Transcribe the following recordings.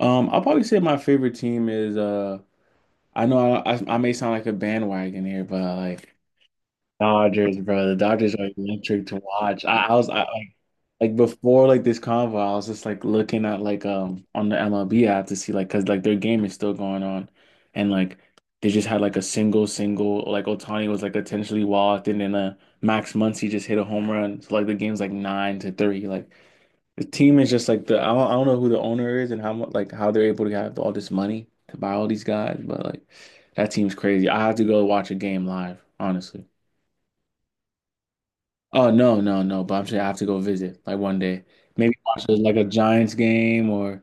I'll probably say my favorite team is I know I may sound like a bandwagon here, but like Dodgers, bro. The Dodgers are electric to watch. I was I, like before this convo, I was just looking at on the MLB app to see because like their game is still going on, and like they just had like a single like Otani was like potentially walked, and then Max Muncy just hit a home run. So like the game's like 9-3. Like the team is just like the I don't know who the owner is and how much like how they're able to have all this money to buy all these guys, but like that team's crazy. I have to go watch a game live, honestly. Oh no, no, no! But I'm saying I have to go visit like one day. Maybe watch a, like a Giants game, or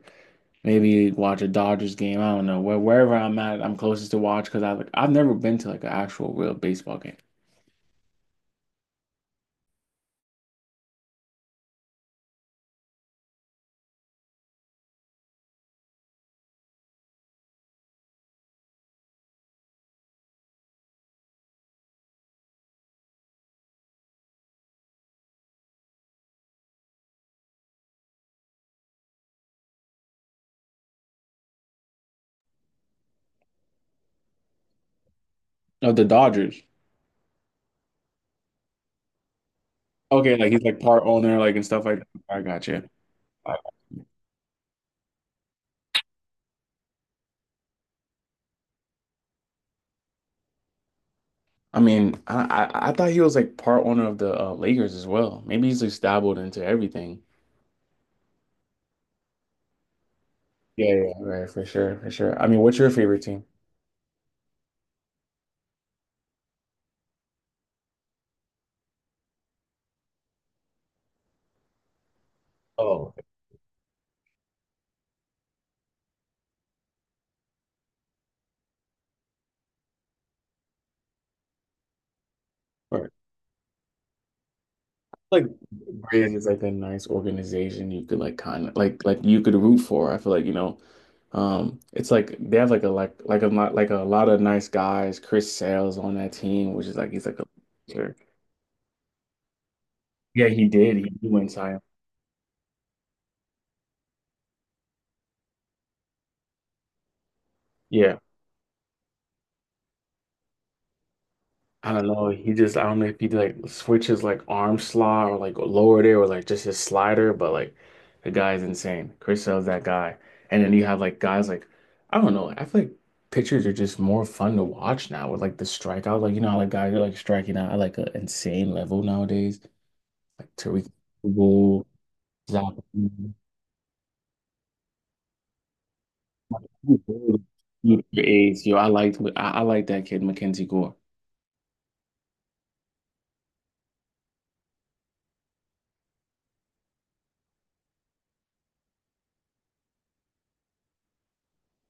maybe watch a Dodgers game. I don't know wherever I'm at, I'm closest to watch because I like I've never been to like an actual real baseball game. Oh, the Dodgers. Okay, like he's like part owner, like and stuff like that. I got you. I mean, I thought he was like part owner of the Lakers as well. Maybe he's just dabbled into everything. Yeah, yeah, right, for sure, for sure. I mean, what's your favorite team? Oh, right, like Braves is like a nice organization you could like kind of like you could root for. I feel like, you know, it's like they have like a like a lot a lot of nice guys. Chris Sale's on that team, which is like he's like a sure. Yeah, he did. He went Cy Young. Yeah. I don't know. He just I don't know if he like switches like arm slot or like lower there or like just his slider, but like the guy is insane. Chris Sale's that guy. And then you have like guys like I don't know. I feel like pitchers are just more fun to watch now with like the strikeout. Like you know how like guys are like striking out at like an insane level nowadays. Like Tariq Cool, Zach. A's. Yo, I like that kid Mackenzie Gore.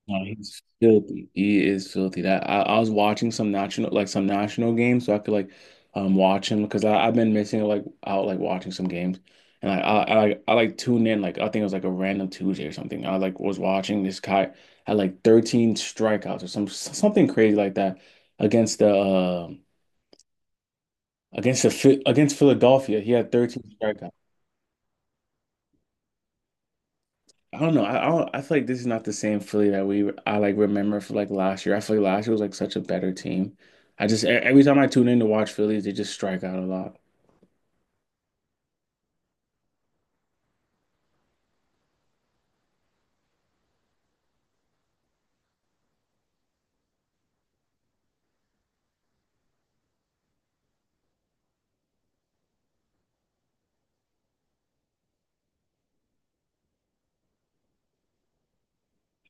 No, he's filthy. He is filthy. I was watching some national like some national games, so I could like watch him because I I've been missing like out like watching some games, and like I like tuned in like I think it was like a random Tuesday or something. I like was watching this guy had like 13 strikeouts or something crazy like that against the against the against Philadelphia. He had 13 strikeouts. I don't know. I, don't, I feel like this is not the same Philly that we I like remember for like last year. I feel like last year was like such a better team. I just every time I tune in to watch Phillies, they just strike out a lot.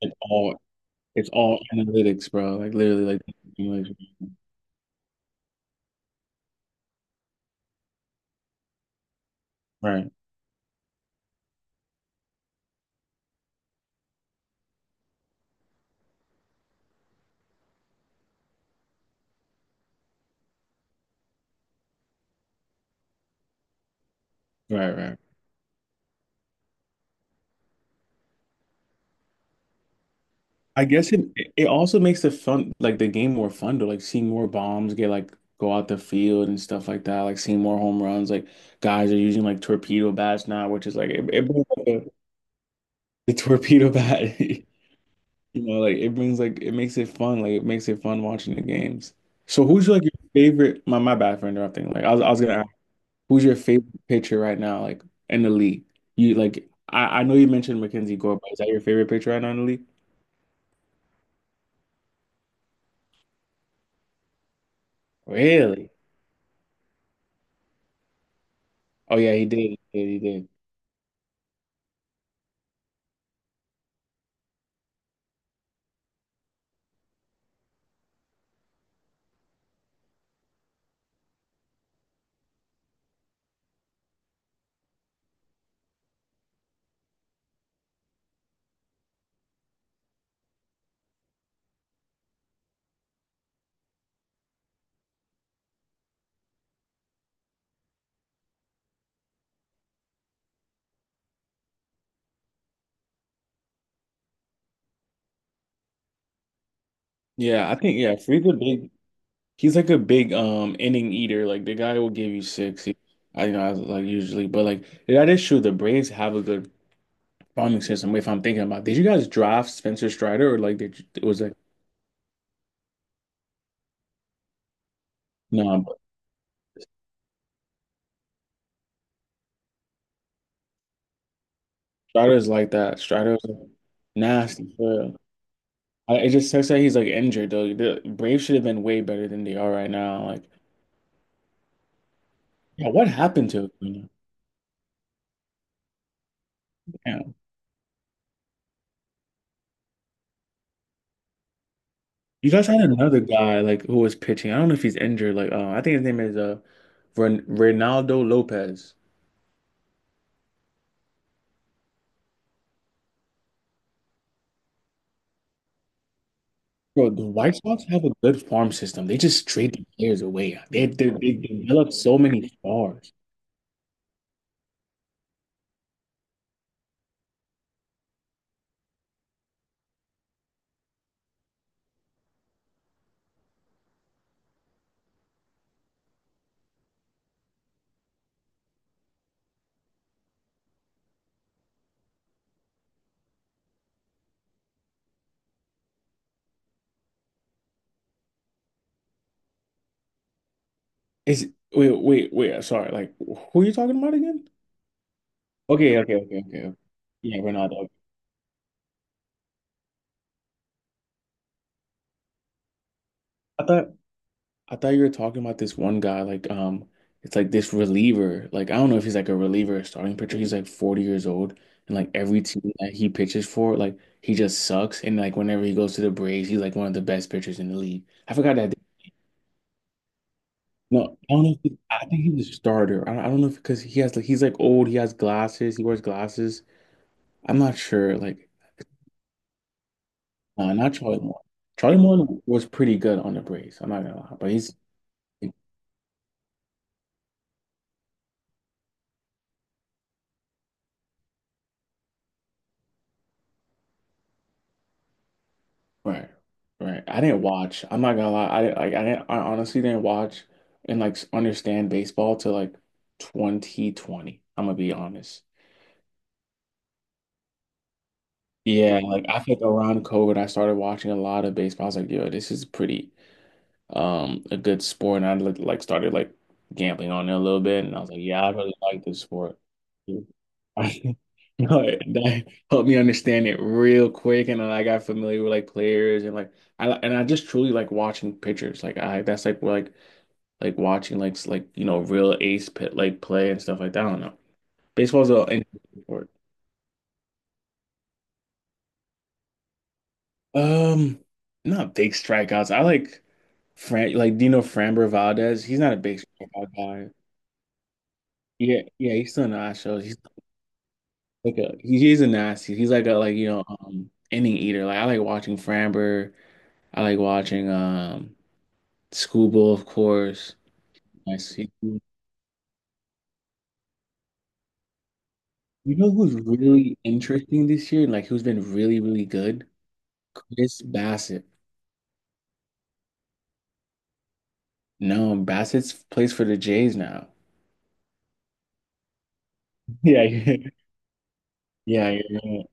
It's all it's all analytics, bro. Like literally, like, right, right, right. I guess it also makes the fun like the game more fun to like see more bombs get like go out the field and stuff like that. Like seeing more home runs. Like guys are using like torpedo bats now, which is like it brings, like, the torpedo bat. You know, like it brings like it makes it fun. Like it makes it fun watching the games. So who's like your favorite? My bad for interrupting. Like I was gonna ask, who's your favorite pitcher right now? Like in the league, you like I know you mentioned Mackenzie Gore, but is that your favorite pitcher right now in the league? Really? Oh yeah, he did. He did. He did. Yeah, I think yeah, Freed's a big. He's like a big inning eater. Like the guy will give you six. He, I you know I was like usually, but like yeah, that is true. The Braves have a good bombing system, if I'm thinking about it. Did you guys draft Spencer Strider, or like did you, it was like no nah, Strider's like that. Strider's nasty for real. I, it just sucks that he's like injured though. The Braves should have been way better than they are right now. Like yeah, what happened to him? Yeah. You guys had another guy like who was pitching. I don't know if he's injured. Like I think his name is Ren Reynaldo Lopez. Bro, the White Sox have a good farm system. They just trade the players away. They develop so many stars. Is Wait, wait, wait. Sorry. Like, who are you talking about again? Okay, okay, okay, okay, okay. Yeah, Ronaldo. I thought I thought you were talking about this one guy. Like, it's like this reliever. Like, I don't know if he's like a reliever or starting pitcher. He's like 40 years old, and like every team that he pitches for, like he just sucks. And like whenever he goes to the Braves, he's like one of the best pitchers in the league. I forgot that. No, I don't know. If he- I think he's a starter. I don't know if because he has like he's like old. He has glasses. He wears glasses. I'm not sure. Like. No, not Charlie Moore. Charlie Moore was pretty good on the Braves. I'm not gonna lie, but he's right, right. I didn't watch. I'm not gonna lie. I like. I didn't. I honestly didn't watch and like understand baseball till like 2020. I'm gonna be honest. Yeah, like I think around COVID, I started watching a lot of baseball. I was like, yo, this is pretty. Um, a good sport, and I like started like gambling on it a little bit, and I was like, yeah, I really like this sport. No, that helped me understand it real quick, and then I got familiar with like players and like I and I just truly like watching pictures. Like I that's like where, like watching like like you know real ace pit like play and stuff like that. I don't know. Baseball's an interesting sport. Um, not big strikeouts. I like Fran like Dino Framber Valdez. He's not a big strikeout guy. Yeah, yeah, he's still in the odd shows. He's a nasty. He's like a like you know inning eater. Like I like watching Framber. I like watching Schoolboy, of course. I see. You know who's really interesting this year? Like who's been really good? Chris Bassett. No, Bassett's plays for the Jays now. Yeah, yeah, yeah.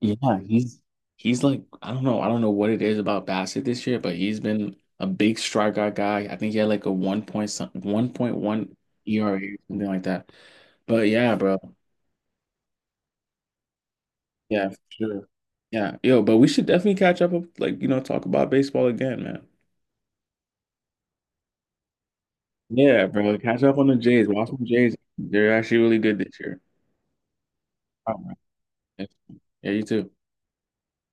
Yeah, he's he's like I don't know what it is about Bassett this year, but he's been a big strikeout guy. I think he had like a one point some 1.1 ERA, something like that. But yeah, bro. Yeah, for sure. Yeah. Yo, but we should definitely catch up like, you know, talk about baseball again, man. Yeah, bro. Catch up on the Jays. Watch the Jays. They're actually really good this year. All right. Yeah, you too.